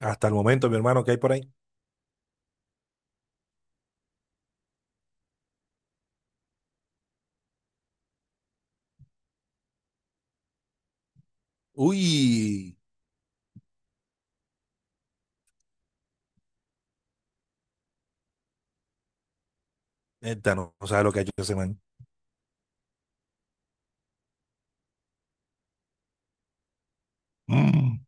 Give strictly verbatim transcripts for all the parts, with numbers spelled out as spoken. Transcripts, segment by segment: Hasta el momento, mi hermano, ¿qué hay por ahí? Uy, neta, no, no sabe lo que ha hecho ese man. Mm,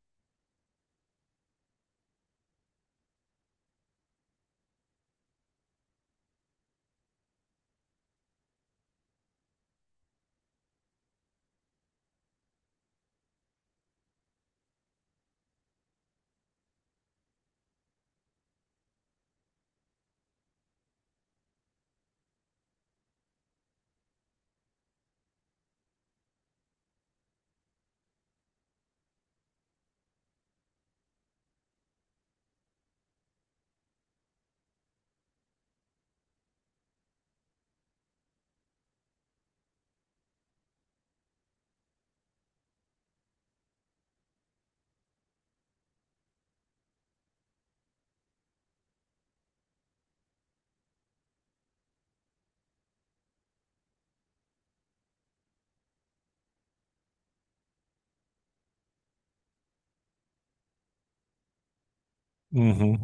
ujú.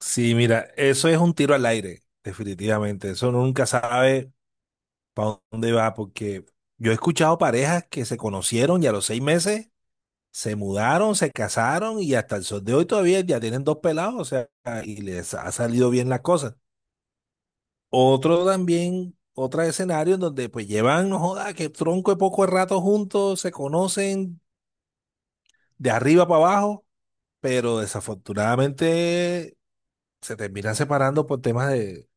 Sí, mira, eso es un tiro al aire, definitivamente. Eso uno nunca sabe para dónde va, porque yo he escuchado parejas que se conocieron y a los seis meses se mudaron, se casaron y hasta el sol de hoy todavía ya tienen dos pelados, o sea, y les ha salido bien la cosa. Otro también, otro escenario en donde pues llevan, no joda, que tronco de poco de rato juntos, se conocen, de arriba para abajo, pero desafortunadamente se terminan separando por temas de,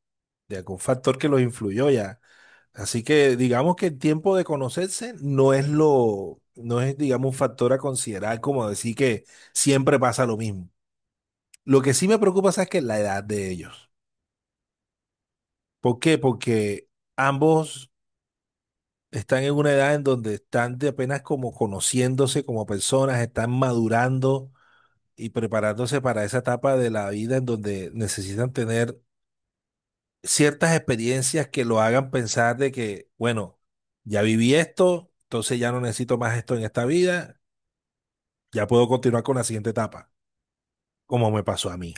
de algún factor que los influyó ya. Así que digamos que el tiempo de conocerse no es lo, no es, digamos, un factor a considerar como decir que siempre pasa lo mismo. Lo que sí me preocupa, ¿sabes qué? Es la edad de ellos. ¿Por qué? Porque ambos están en una edad en donde están de apenas como conociéndose como personas, están madurando y preparándose para esa etapa de la vida en donde necesitan tener ciertas experiencias que lo hagan pensar de que, bueno, ya viví esto, entonces ya no necesito más esto en esta vida, ya puedo continuar con la siguiente etapa, como me pasó a mí.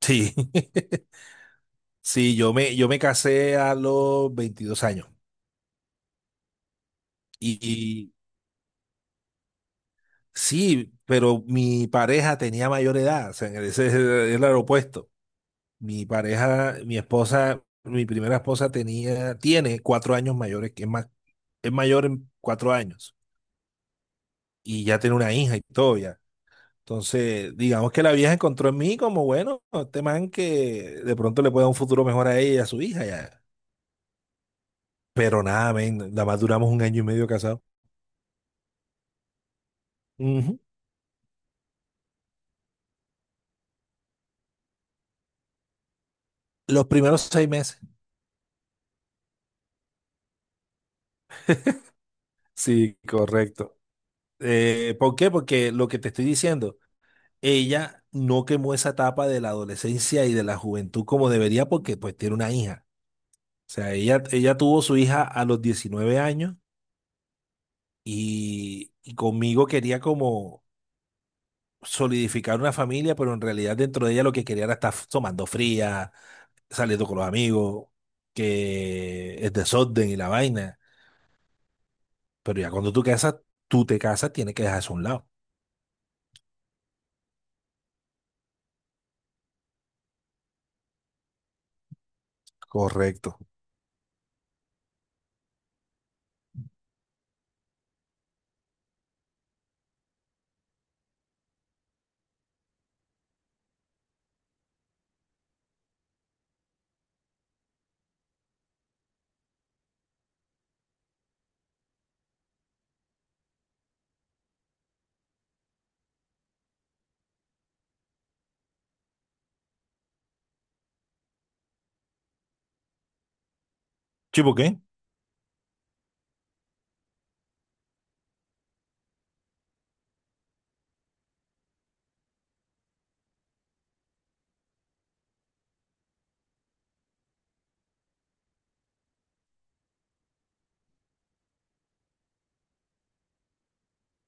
Sí, sí, yo me, yo me casé a los veintidós años y, y sí, pero mi pareja tenía mayor edad, o sea, en el- ese es el el opuesto. Mi pareja, mi esposa, mi primera esposa tenía, tiene cuatro años mayores, que es más, es mayor en cuatro años. Y ya tiene una hija y todo ya. Entonces, digamos que la vieja encontró en mí como, bueno, este man que de pronto le puede dar un futuro mejor a ella y a su hija ya. Pero nada, men, nada más duramos un año y medio casados. Ujú. Los primeros seis meses. Sí, correcto. Eh, ¿por qué? Porque lo que te estoy diciendo, ella no quemó esa etapa de la adolescencia y de la juventud como debería porque pues tiene una hija. O sea, ella, ella tuvo su hija a los diecinueve años y, y conmigo quería como solidificar una familia, pero en realidad dentro de ella lo que quería era estar tomando fría, saliendo con los amigos, que es desorden y la vaina. Pero ya cuando tú casas, tú te casas, tienes que dejar eso a un lado. Correcto. ¿Chivo qué?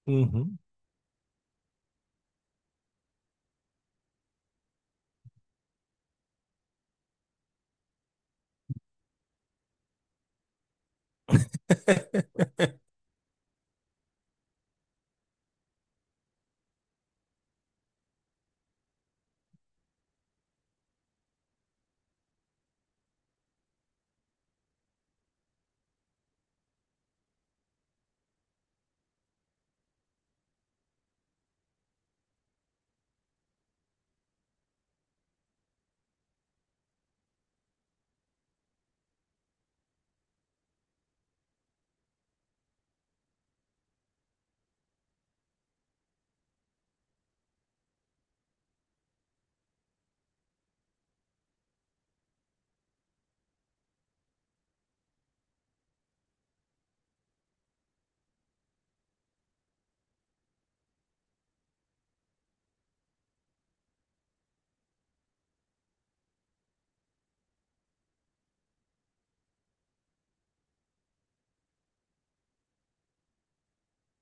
Ujú.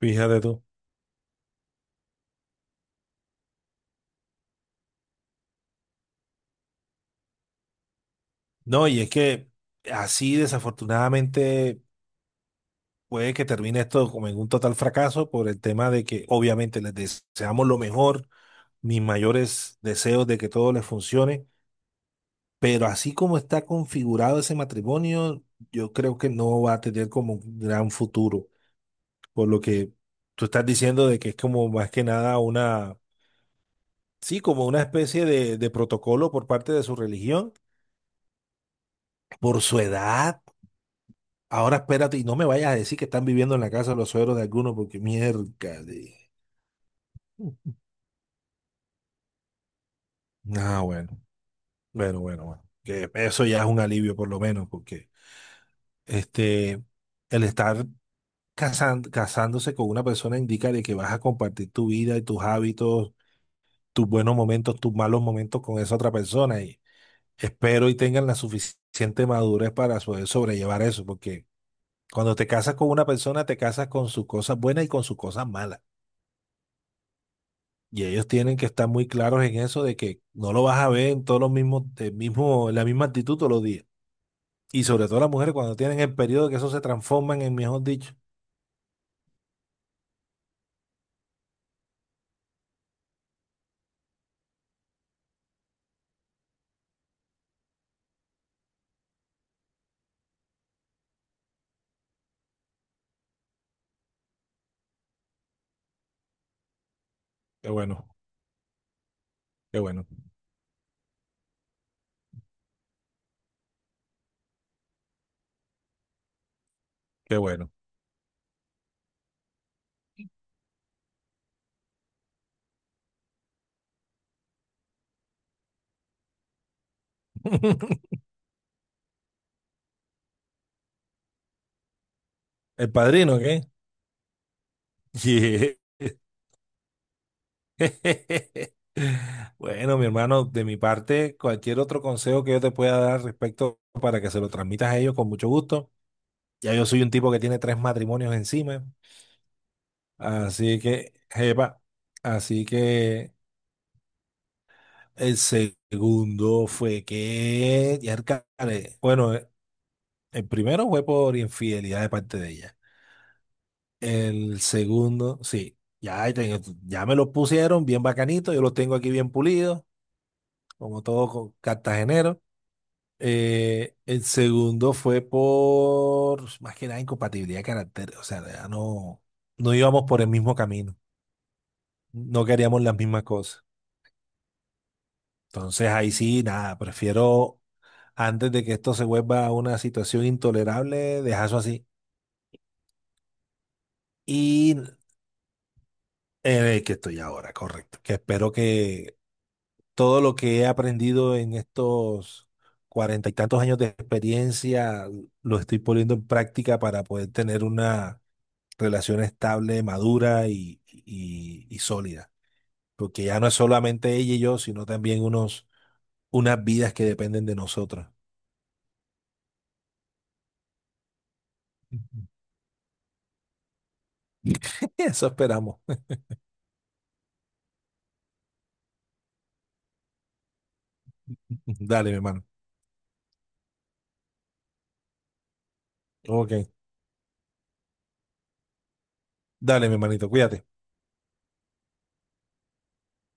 Fíjate tú. No, y es que así desafortunadamente puede que termine esto como en un total fracaso por el tema de que obviamente les deseamos lo mejor, mis mayores deseos de que todo les funcione, pero así como está configurado ese matrimonio, yo creo que no va a tener como un gran futuro, por lo que tú estás diciendo de que es como más que nada una, sí, como una especie de, de protocolo por parte de su religión, por su edad. Ahora espérate y no me vayas a decir que están viviendo en la casa de los suegros de alguno porque mierda. de- Ah, bueno, bueno, bueno, bueno. Que eso ya es un alivio por lo menos porque este, el estar casan- casándose con una persona indica de que vas a compartir tu vida y tus hábitos, tus buenos momentos, tus malos momentos con esa otra persona y espero y tengan la suficiente madurez para poder sobrellevar eso porque cuando te casas con una persona te casas con sus cosas buenas y con sus cosas malas. Y ellos tienen que estar muy claros en eso de que no lo vas a ver en todos los mismos, el mismo, la misma actitud todos los días. Y sobre todo las mujeres cuando tienen el periodo que eso se transforman en, mejor dicho. Qué bueno, qué bueno, qué bueno. El padrino, ¿qué? Yeah. Bueno, mi hermano, de mi parte, cualquier otro consejo que yo te pueda dar respecto para que se lo transmitas a ellos con mucho gusto. Ya yo soy un tipo que tiene tres matrimonios encima, así que, jepa, así que el segundo fue que, ya bueno, eh, el primero fue por infidelidad de parte de ella. El segundo, sí, ya, te- ya me lo pusieron bien bacanito, yo lo tengo aquí bien pulido, como todo co- cartagenero. Eh, el segundo fue por, más que nada, incompatibilidad de carácter, o sea, ya no, no íbamos por el mismo camino, no queríamos las mismas cosas. Entonces ahí sí, nada, prefiero antes de que esto se vuelva una situación intolerable, dejarlo así. Y en el que estoy ahora, correcto. Que espero que todo lo que he aprendido en estos cuarenta y tantos años de experiencia lo estoy poniendo en práctica para poder tener una relación estable, madura y, y- y sólida. Porque ya no es solamente ella y yo, sino también unos, unas vidas que dependen de nosotros. Eso esperamos. Dale, mi hermano. Ok. Dale, mi hermanito. Cuídate.